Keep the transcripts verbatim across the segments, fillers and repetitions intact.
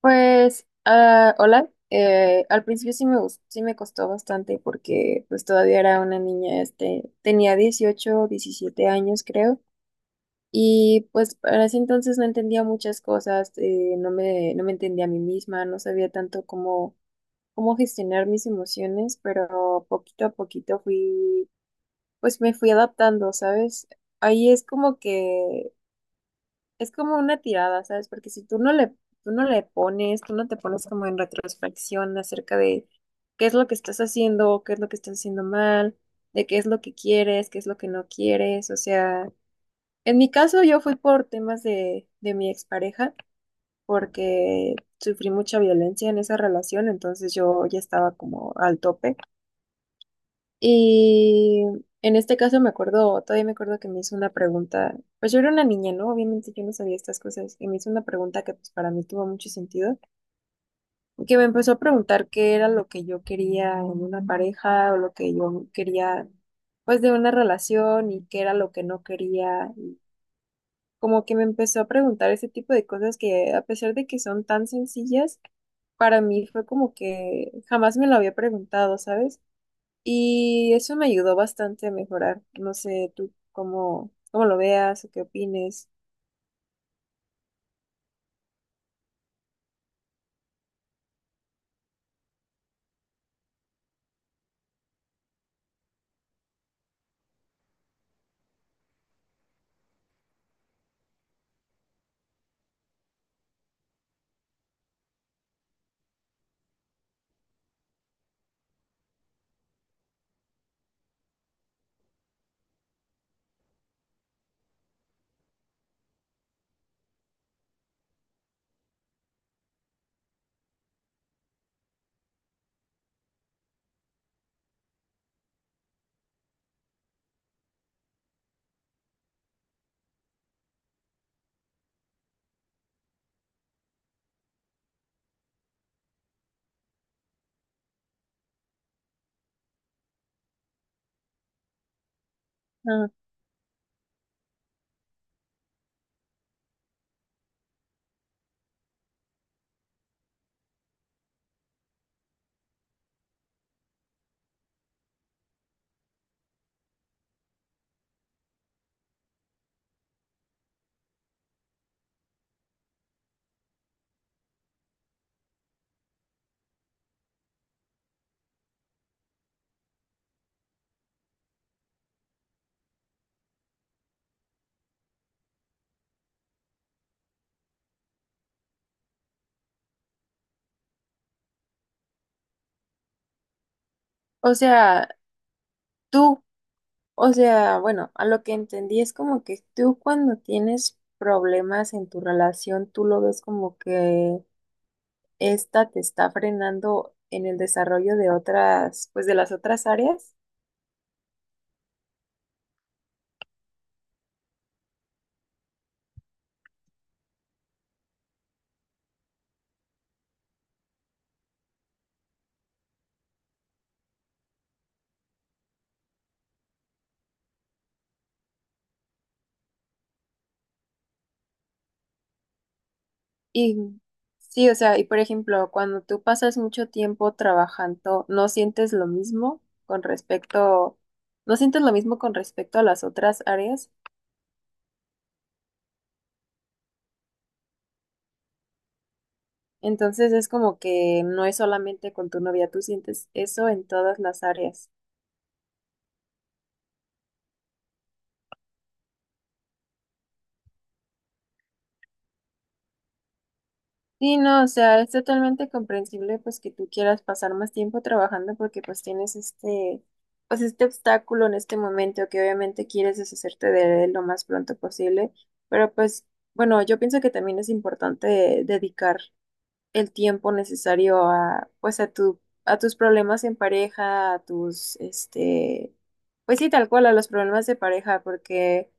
Pues, ah, hola. Eh, al principio sí me, gus- sí me costó bastante porque pues todavía era una niña, este, tenía dieciocho, diecisiete años creo, y pues para ese entonces no entendía muchas cosas, eh, no me, no me entendía a mí misma, no sabía tanto cómo, cómo gestionar mis emociones, pero poquito a poquito fui, pues me fui adaptando, ¿sabes? Ahí es como que es como una tirada, ¿sabes? Porque si tú no le, tú no le pones, tú no te pones como en retrospección acerca de qué es lo que estás haciendo, qué es lo que estás haciendo mal, de qué es lo que quieres, qué es lo que no quieres. O sea, en mi caso yo fui por temas de, de mi expareja porque sufrí mucha violencia en esa relación, entonces yo ya estaba como al tope. Y en este caso me acuerdo, todavía me acuerdo que me hizo una pregunta, pues yo era una niña, ¿no? Obviamente yo no sabía estas cosas y me hizo una pregunta que pues para mí tuvo mucho sentido, que me empezó a preguntar qué era lo que yo quería en una pareja o lo que yo quería pues de una relación y qué era lo que no quería. Y como que me empezó a preguntar ese tipo de cosas que a pesar de que son tan sencillas, para mí fue como que jamás me lo había preguntado, ¿sabes? Y eso me ayudó bastante a mejorar. No sé tú cómo, cómo lo veas o qué opines. Ah, o sea, tú, o sea, bueno, a lo que entendí es como que tú cuando tienes problemas en tu relación, tú lo ves como que esta te está frenando en el desarrollo de otras, pues de las otras áreas. Y sí, o sea, y por ejemplo, cuando tú pasas mucho tiempo trabajando, ¿no sientes lo mismo con respecto, no sientes lo mismo con respecto a las otras áreas? Entonces es como que no es solamente con tu novia, tú sientes eso en todas las áreas. Sí, no, o sea, es totalmente comprensible pues que tú quieras pasar más tiempo trabajando porque pues tienes este, pues este obstáculo en este momento que obviamente quieres deshacerte de él lo más pronto posible, pero pues bueno, yo pienso que también es importante dedicar el tiempo necesario a pues a tu a tus problemas en pareja, a tus este, pues sí, tal cual, a los problemas de pareja porque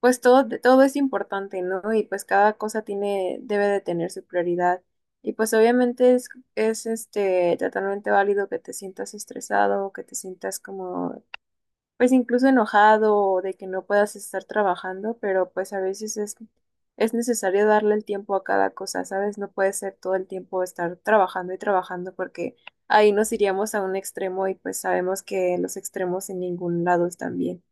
pues todo, todo es importante, ¿no? Y pues cada cosa tiene, debe de tener su prioridad. Y pues obviamente es, es este totalmente válido que te sientas estresado, que te sientas como, pues incluso enojado o de que no puedas estar trabajando, pero pues a veces es, es necesario darle el tiempo a cada cosa, ¿sabes? No puede ser todo el tiempo estar trabajando y trabajando porque ahí nos iríamos a un extremo y pues sabemos que los extremos en ningún lado están bien.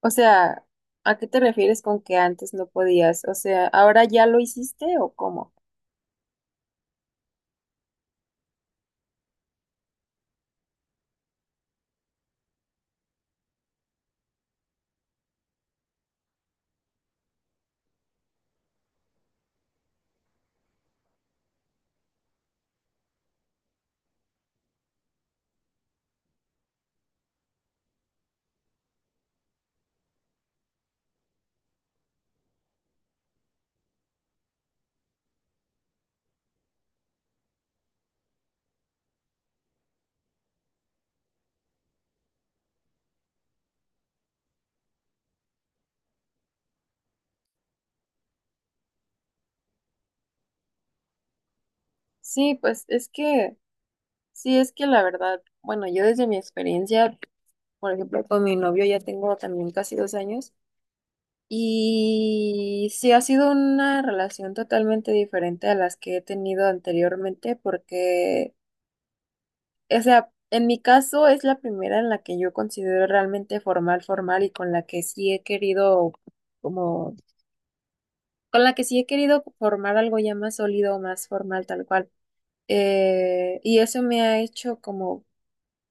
O sea, ¿a qué te refieres con que antes no podías? O sea, ¿ahora ya lo hiciste o cómo? Sí, pues es que, sí, es que la verdad, bueno, yo desde mi experiencia, por ejemplo, con mi novio ya tengo también casi dos años y sí ha sido una relación totalmente diferente a las que he tenido anteriormente porque, o sea, en mi caso es la primera en la que yo considero realmente formal, formal y con la que sí he querido como con la que sí he querido formar algo ya más sólido, más formal, tal cual. Eh, y eso me ha hecho como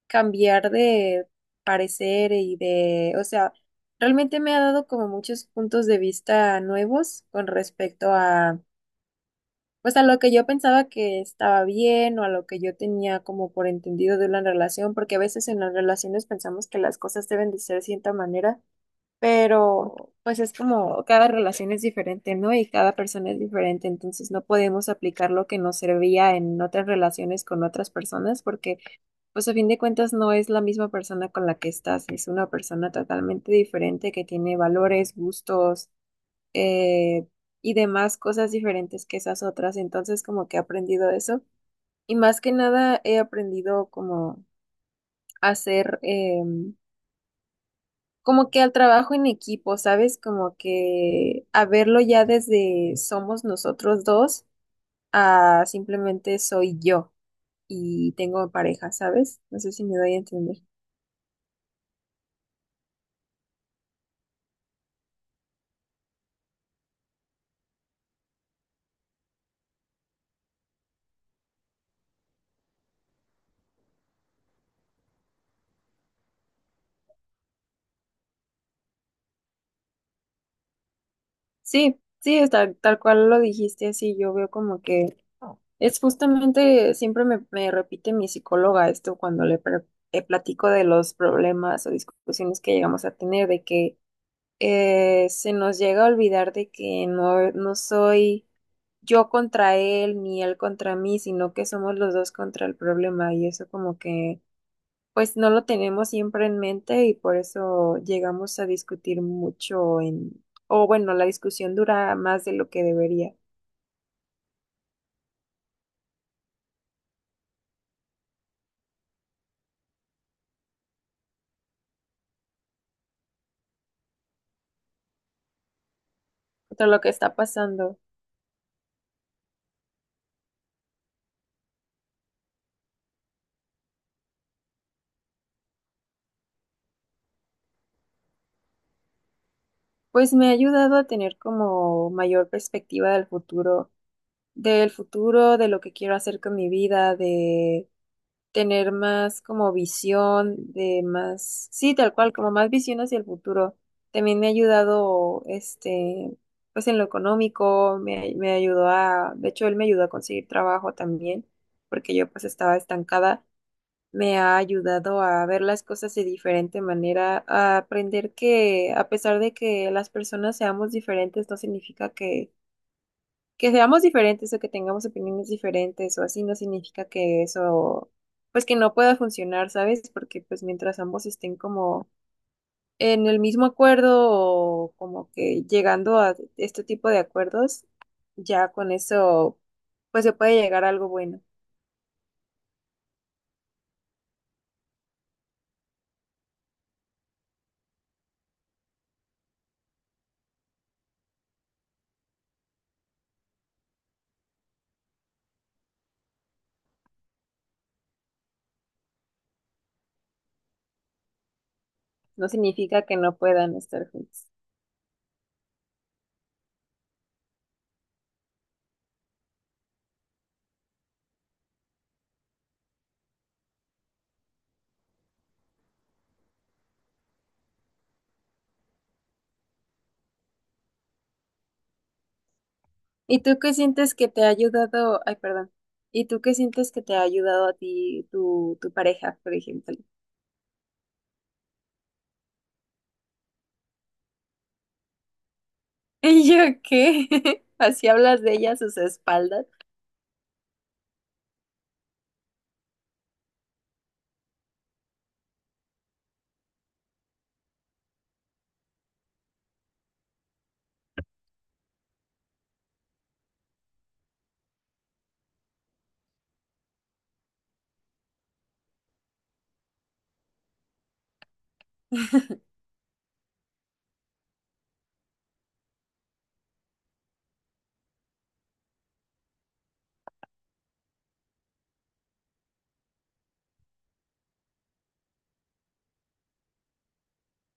cambiar de parecer y de, o sea, realmente me ha dado como muchos puntos de vista nuevos con respecto a, pues a lo que yo pensaba que estaba bien o a lo que yo tenía como por entendido de una relación, porque a veces en las relaciones pensamos que las cosas deben de ser de cierta manera pero pues es como cada relación es diferente, ¿no? Y cada persona es diferente, entonces no podemos aplicar lo que nos servía en otras relaciones con otras personas porque pues a fin de cuentas no es la misma persona con la que estás, es una persona totalmente diferente que tiene valores, gustos, eh, y demás cosas diferentes que esas otras, entonces como que he aprendido eso y más que nada he aprendido como hacer em, como que al trabajo en equipo, ¿sabes? Como que a verlo ya desde somos nosotros dos a simplemente soy yo y tengo pareja, ¿sabes? No sé si me doy a entender. Sí, sí, es tal, tal cual lo dijiste así, yo veo como que es justamente, siempre me, me repite mi psicóloga esto cuando le pre- eh, platico de los problemas o discusiones que llegamos a tener, de que eh, se nos llega a olvidar de que no, no soy yo contra él ni él contra mí, sino que somos los dos contra el problema y eso como que pues no lo tenemos siempre en mente y por eso llegamos a discutir mucho en, o bueno, la discusión dura más de lo que debería, de lo que está pasando. Pues me ha ayudado a tener como mayor perspectiva del futuro, del futuro, de lo que quiero hacer con mi vida, de tener más como visión, de más, sí, tal cual, como más visión hacia el futuro. También me ha ayudado, este, pues en lo económico, me, me ayudó a, de hecho, él me ayudó a conseguir trabajo también, porque yo pues estaba estancada, me ha ayudado a ver las cosas de diferente manera, a aprender que a pesar de que las personas seamos diferentes, no significa que, que seamos diferentes o que tengamos opiniones diferentes o así, no significa que eso, pues que no pueda funcionar, ¿sabes? Porque pues mientras ambos estén como en el mismo acuerdo o como que llegando a este tipo de acuerdos, ya con eso, pues se puede llegar a algo bueno. No significa que no puedan estar juntos. ¿Y tú qué sientes que te ha ayudado? Ay, perdón. ¿Y tú qué sientes que te ha ayudado a ti tu, tu pareja, por ejemplo? ¿Y yo qué? Así hablas de ella a sus espaldas,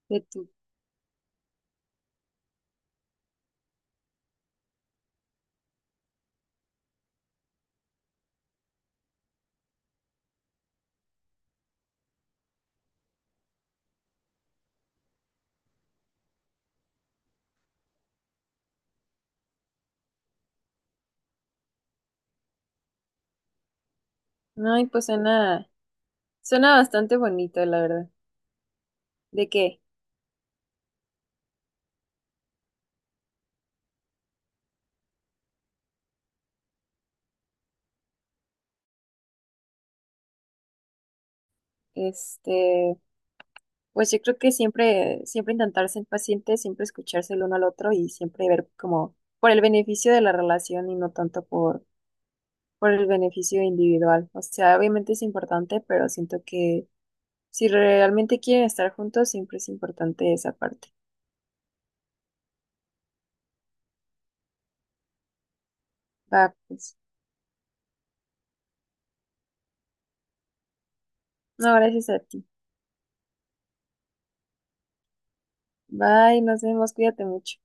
de tu. Ay, pues suena, suena bastante bonito, la verdad. ¿De qué? Este, pues yo creo que siempre, siempre intentar ser paciente, siempre escucharse el uno al otro y siempre ver como por el beneficio de la relación y no tanto por, por el beneficio individual. O sea, obviamente es importante, pero siento que si realmente quieren estar juntos, siempre es importante esa parte. Va, pues. No, gracias a ti. Bye, nos vemos, cuídate mucho.